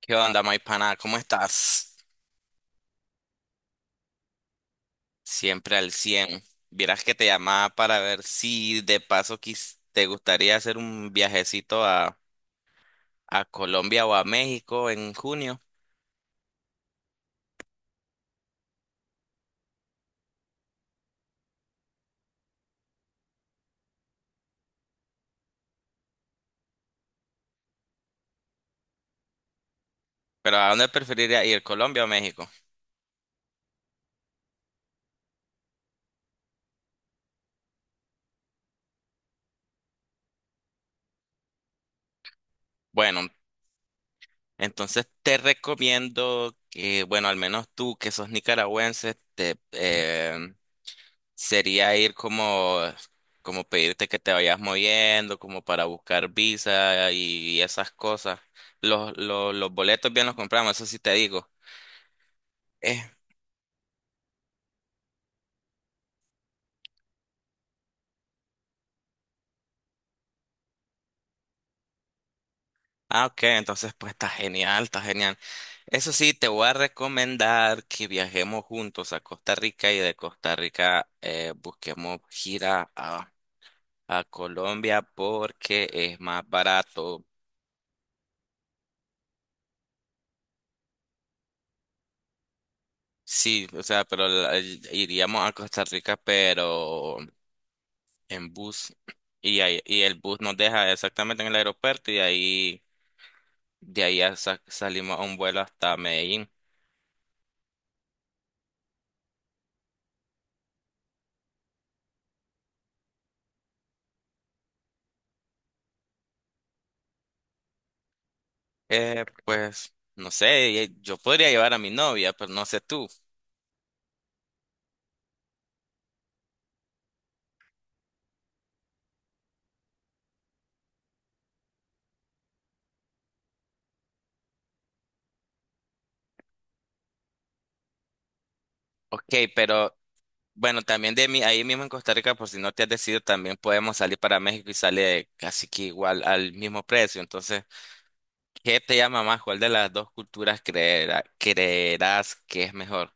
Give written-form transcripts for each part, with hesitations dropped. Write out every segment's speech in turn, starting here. ¿Qué onda, Maipana? ¿Cómo estás? Siempre al 100. Vieras que te llamaba para ver si de paso te gustaría hacer un viajecito a Colombia o a México en junio. Pero ¿a dónde preferirías ir, Colombia o México? Bueno, entonces te recomiendo que, bueno, al menos tú que sos nicaragüense, te, sería ir como, como pedirte que te vayas moviendo, como para buscar visa y esas cosas. Los boletos bien los compramos, eso sí te digo. Eh, ok, entonces pues está genial, está genial. Eso sí, te voy a recomendar que viajemos juntos a Costa Rica y de Costa Rica busquemos gira a Colombia porque es más barato. Sí, o sea, iríamos a Costa Rica, pero en bus y, y el bus nos deja exactamente en el aeropuerto y de ahí ya salimos a un vuelo hasta Medellín. Pues no sé, yo podría llevar a mi novia, pero no sé tú. Ok, pero bueno, también de mí, ahí mismo en Costa Rica, por si no te has decidido, también podemos salir para México y sale casi que igual al mismo precio. Entonces, ¿qué te llama más? ¿Cuál de las dos culturas creerás que es mejor?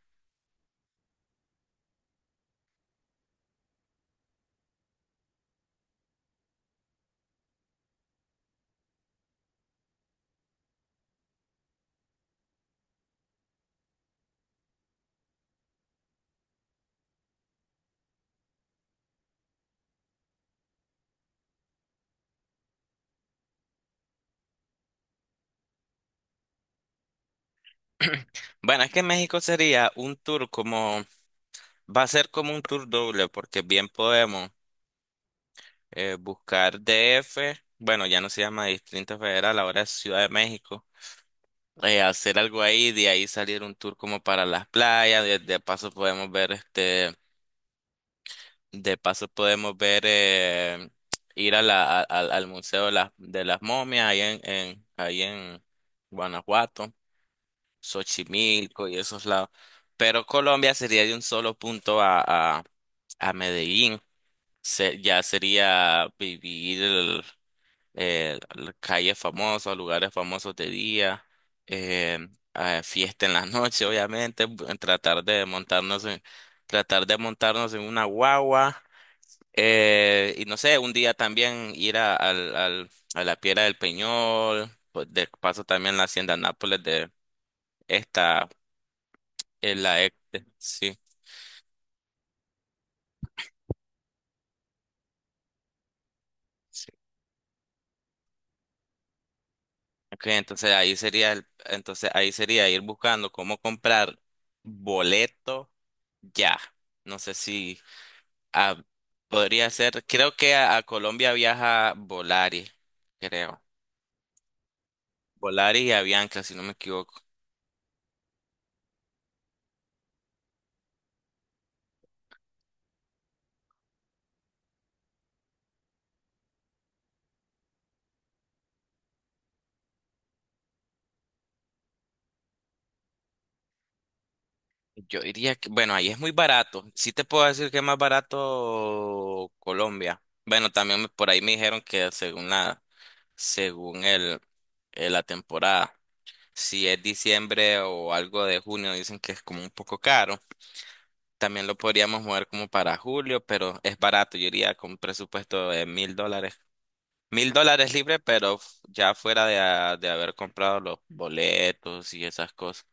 Bueno, es que México sería un tour como, va a ser como un tour doble, porque bien podemos buscar DF, bueno, ya no se llama Distrito Federal, ahora es Ciudad de México, hacer algo ahí, de ahí salir un tour como para las playas, de paso podemos ver este, de paso podemos ver ir a la, a- al al Museo de de las Momias ahí ahí en Guanajuato, Xochimilco y esos lados. Pero Colombia sería de un solo punto a, a Medellín. Ya sería vivir la calles famosas, lugares famosos de día, eh, fiesta en la noche, obviamente, tratar de montarnos tratar de montarnos en una guagua, y no sé, un día también ir a, a la Piedra del Peñol, pues, de paso también la Hacienda Nápoles de esta, la ex, sí. Ok, entonces entonces ahí sería ir buscando cómo comprar boleto ya. No sé si ah, podría ser, creo que a Colombia viaja Volaris, creo. Volaris y Avianca, si no me equivoco. Yo diría que, bueno, ahí es muy barato. Sí te puedo decir que es más barato Colombia. Bueno, también por ahí me dijeron que según la, según el, la temporada. Si es diciembre o algo de junio, dicen que es como un poco caro. También lo podríamos mover como para julio, pero es barato. Yo iría con un presupuesto de $1,000. Mil dólares libre, pero ya fuera de, de haber comprado los boletos y esas cosas.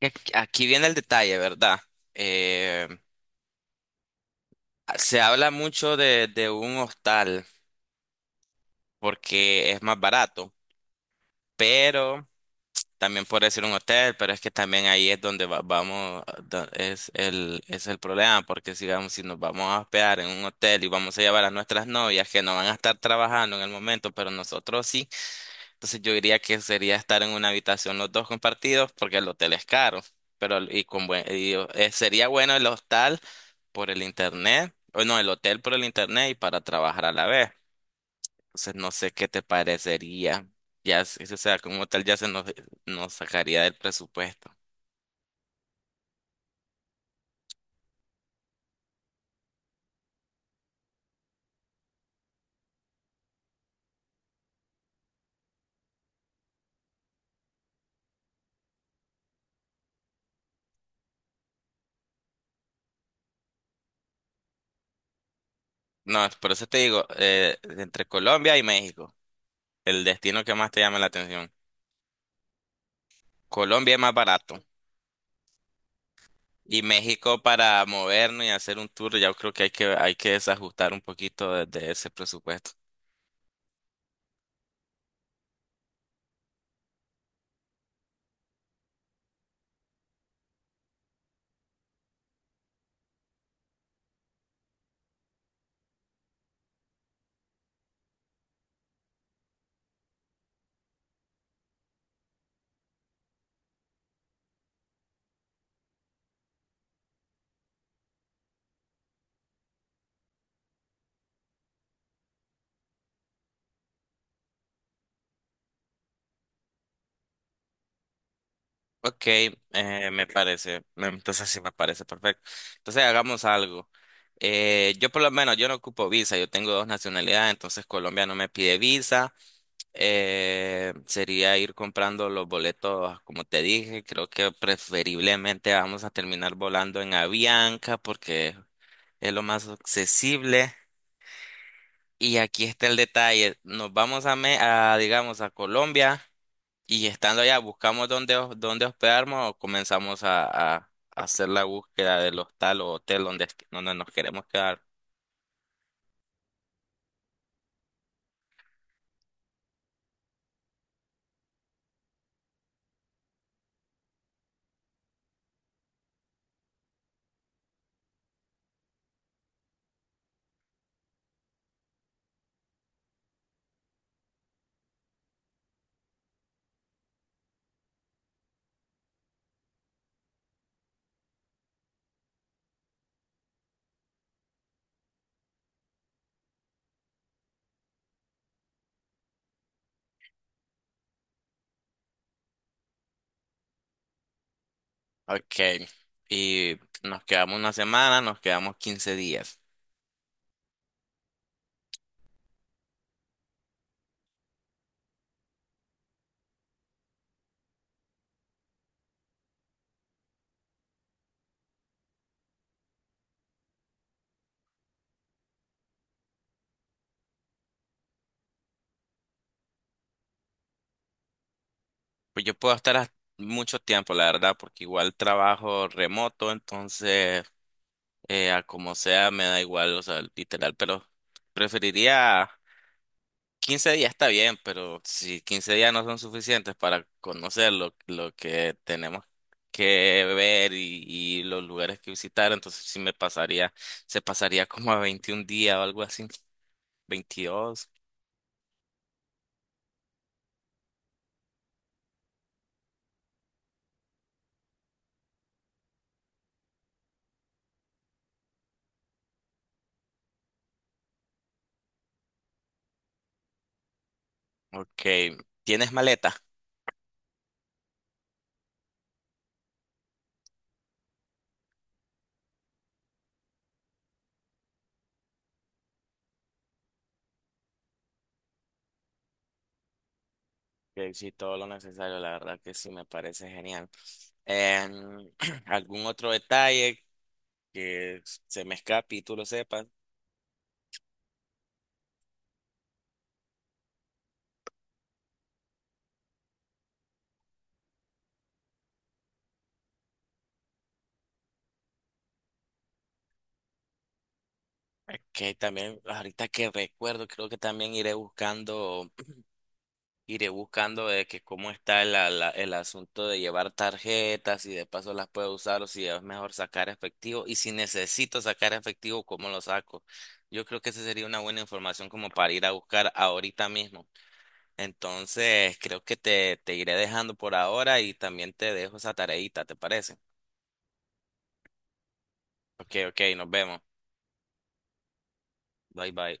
Aquí viene el detalle, ¿verdad? Eh, se habla mucho de un hostal porque es más barato, pero también puede ser un hotel, pero es que también ahí es donde vamos, es es el problema, porque digamos, si nos vamos a hospedar en un hotel y vamos a llevar a nuestras novias que no van a estar trabajando en el momento, pero nosotros sí, entonces yo diría que sería estar en una habitación los dos compartidos, porque el hotel es caro, pero sería bueno el hostal por el internet, o no, el hotel por el internet y para trabajar a la vez. Entonces no sé qué te parecería. Ya, o sea, como tal ya nos sacaría del presupuesto. No, es por eso te digo, entre Colombia y México, el destino que más te llama la atención. Colombia es más barato. Y México para movernos y hacer un tour, ya creo que hay que desajustar un poquito de ese presupuesto. Ok, entonces sí me parece perfecto. Entonces hagamos algo. Yo por lo menos, yo no ocupo visa, yo tengo dos nacionalidades, entonces Colombia no me pide visa. Sería ir comprando los boletos, como te dije, creo que preferiblemente vamos a terminar volando en Avianca porque es lo más accesible. Y aquí está el detalle, nos vamos a, Me- a, digamos, a Colombia y estando allá buscamos dónde hospedarnos o comenzamos a, a- a hacer la búsqueda del hostal o hotel donde nos queremos quedar. Ok, y nos quedamos una semana, nos quedamos 15 días. Pues yo puedo estar hasta mucho tiempo, la verdad, porque igual trabajo remoto, entonces a como sea me da igual, o sea, literal, pero preferiría 15 días está bien, pero si 15 días no son suficientes para conocer lo que tenemos que ver y los lugares que visitar, entonces sí se pasaría como a 21 días o algo así, 22. Ok, ¿tienes maleta? Que sí, todo lo necesario, la verdad que sí me parece genial. Em, algún otro detalle que se me escape y tú lo sepas, que también ahorita que recuerdo, creo que también iré buscando, iré buscando de que cómo está el asunto de llevar tarjetas y de paso las puedo usar o si es mejor sacar efectivo y si necesito sacar efectivo, ¿cómo lo saco? Yo creo que esa sería una buena información como para ir a buscar ahorita mismo. Entonces, creo que te iré dejando por ahora y también te dejo esa tareita, ¿te parece? Ok, ok, nos vemos. Bye, bye.